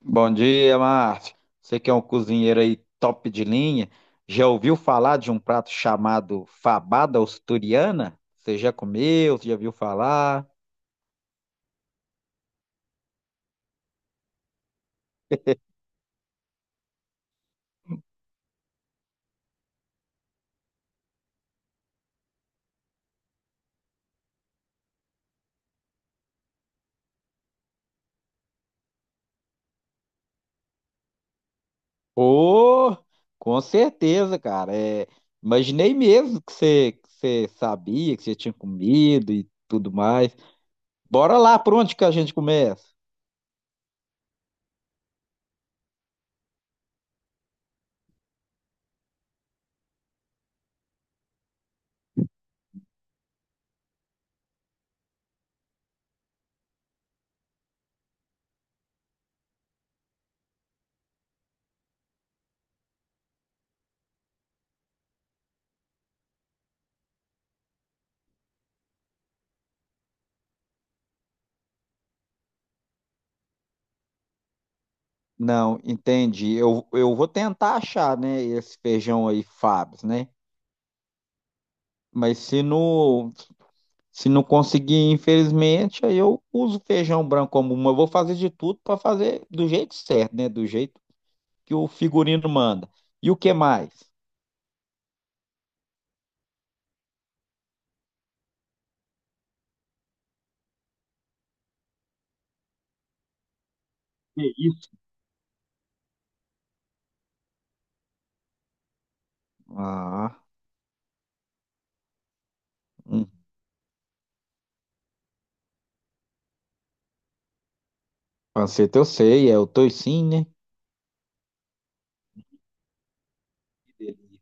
Bom dia, Márcio. Você que é um cozinheiro aí top de linha, já ouviu falar de um prato chamado fabada asturiana? Você já comeu? Você já viu falar? Oh, com certeza, cara. É, imaginei mesmo que você sabia, que você tinha comido e tudo mais. Bora lá, por onde que a gente começa? Não, entendi. Eu vou tentar achar, né, esse feijão aí, Fábio, né? Mas se não, Se não conseguir, infelizmente, aí eu uso feijão branco como uma. Eu vou fazer de tudo para fazer do jeito certo, né? Do jeito que o figurino manda. E o que mais? Que isso? Ah, hum, panceta eu sei, é o toicinho, né? Que delícia.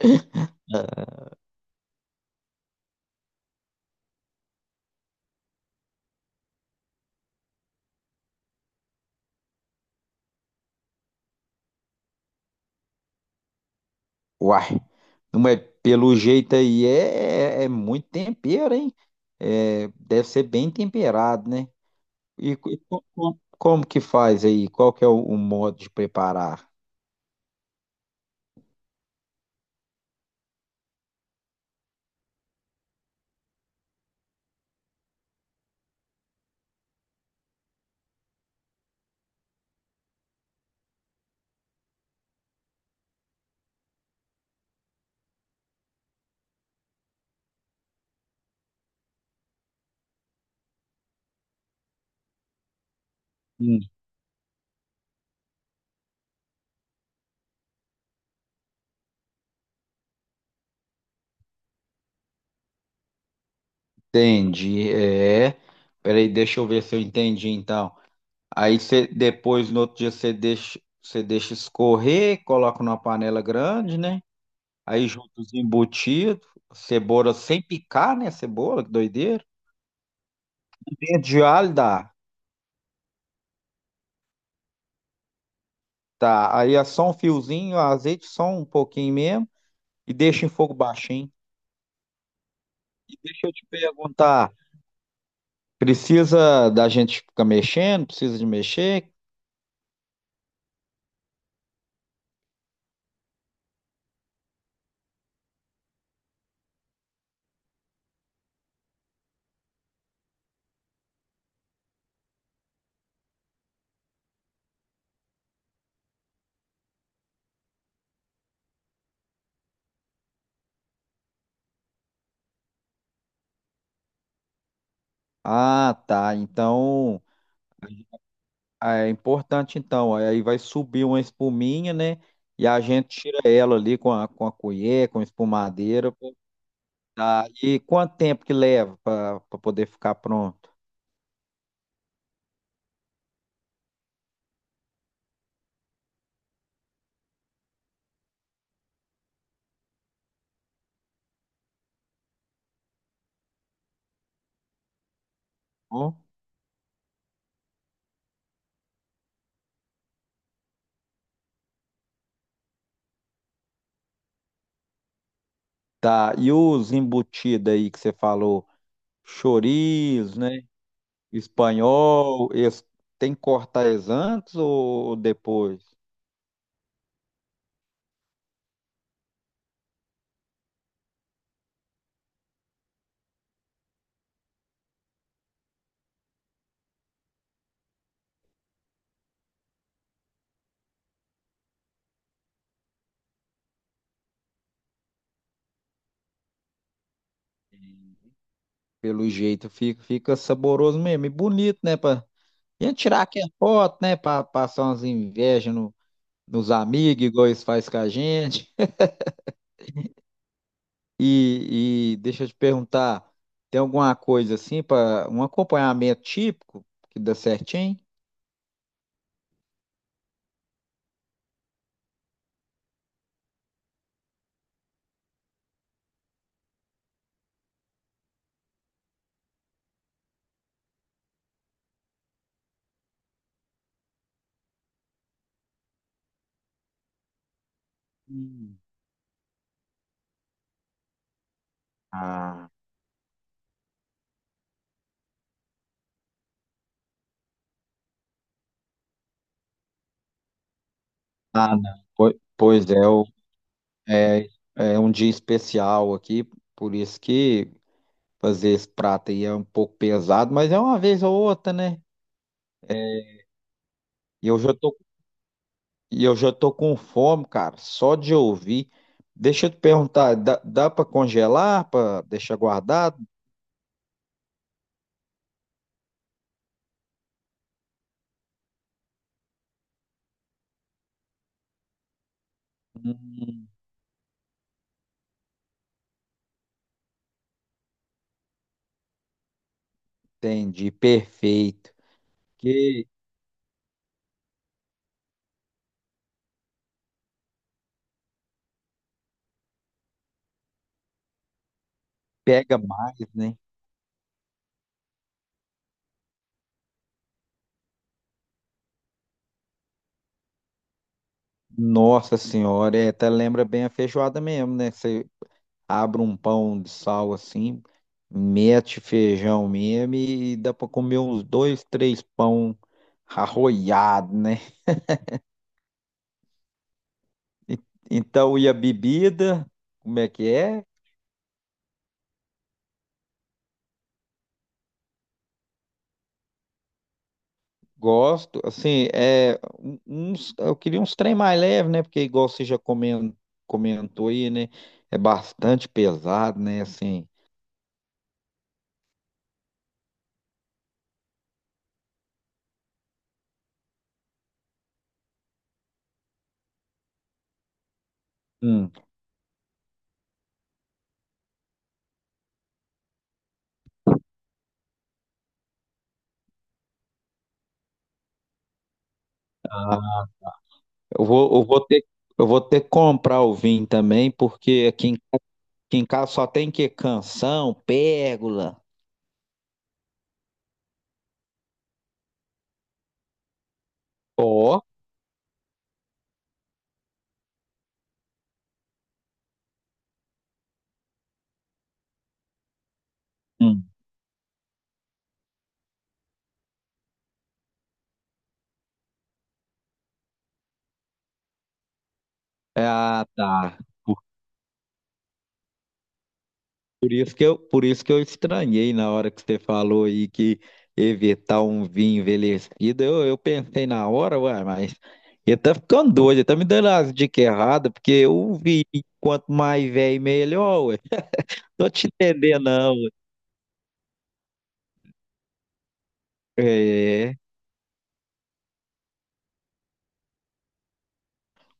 Uai, não é pelo jeito aí, é muito tempero, hein? É, deve ser bem temperado, né? E, como que faz aí? Qual que é o modo de preparar? Entendi, é. Peraí, deixa eu ver se eu entendi então. Aí você depois no outro dia você deixa escorrer, coloca numa panela grande, né? Aí junta os embutidos, cebola sem picar, né? Cebola, que doideira. Dentro de alho dá. Tá, aí é só um fiozinho, azeite só um pouquinho mesmo e deixa em fogo baixinho. E deixa eu te perguntar, precisa da gente ficar mexendo? Precisa de mexer? Ah, tá. Então ah, é importante então, aí vai subir uma espuminha, né? E a gente tira ela ali com a colher, com a espumadeira. Pô. Tá. E quanto tempo que leva para poder ficar pronto? Ó. Tá. E os embutidos aí que você falou, chorizo, né? Espanhol, eles tem que cortar eles antes ou depois? Pelo jeito fica, fica saboroso mesmo e bonito, né? Pra... E tirar aquela foto, né? Para passar umas invejas no nos amigos, igual eles fazem com a gente. E deixa eu te perguntar, tem alguma coisa assim para um acompanhamento típico que dá certinho? Hum. Ah, ah, não. Pois é, é, é um dia especial aqui, por isso que fazer esse prato aí é um pouco pesado, mas é uma vez ou outra, né? E eu já tô, e eu já tô com fome, cara, só de ouvir. Deixa eu te perguntar, dá para congelar, para deixar guardado? Hum. Entendi, perfeito. Que pega mais, né? Nossa senhora, é, até lembra bem a feijoada mesmo, né? Você abre um pão de sal assim, mete feijão mesmo e dá pra comer uns dois, três pão arroiado, né? E então, e a bebida, como é que é? Gosto, assim, eu queria uns trem mais leve, né? Porque igual você já comentou aí, né? É bastante pesado, né? Assim. Hum, ah, eu vou, eu vou ter que comprar o vinho também, porque aqui em casa só tem que canção, pérgola. Ó. Hum. Ah, tá. Por, por isso que eu estranhei na hora que você falou aí que evitar um vinho envelhecido. Eu pensei na hora, ué, mas ele tá ficando doido, ele tá me dando as dicas erradas, porque o vinho, quanto mais velho, melhor, ué. Tô te entendendo, não. Ué. É.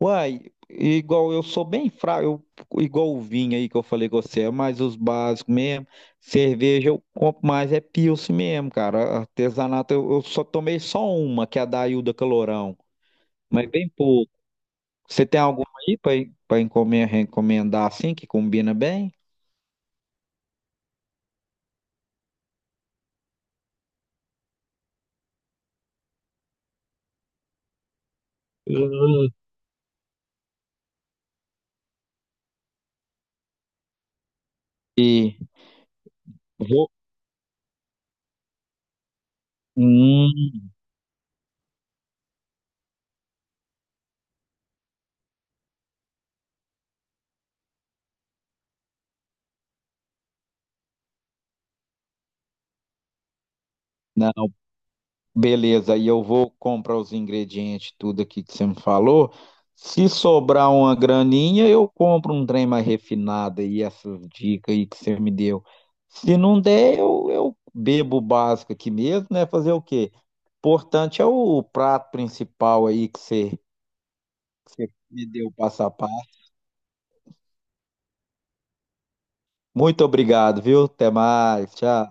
Uai, igual eu sou bem fraco, igual o vinho aí que eu falei com você, é mais os básicos mesmo. Cerveja eu compro mais, é Pilsen mesmo, cara. Artesanato eu só tomei só uma, que é a da Ilda Calorão, mas bem pouco. Você tem alguma aí pra recomendar assim, que combina bem? Hum, E vou. Hum, não. Beleza, e eu vou comprar os ingredientes, tudo aqui que você me falou. Se sobrar uma graninha, eu compro um trem mais refinado aí, essas dicas aí que você me deu. Se não der, eu bebo o básico aqui mesmo, né? Fazer o quê? Importante é o prato principal aí que você me deu passo a passo. Muito obrigado, viu? Até mais, tchau.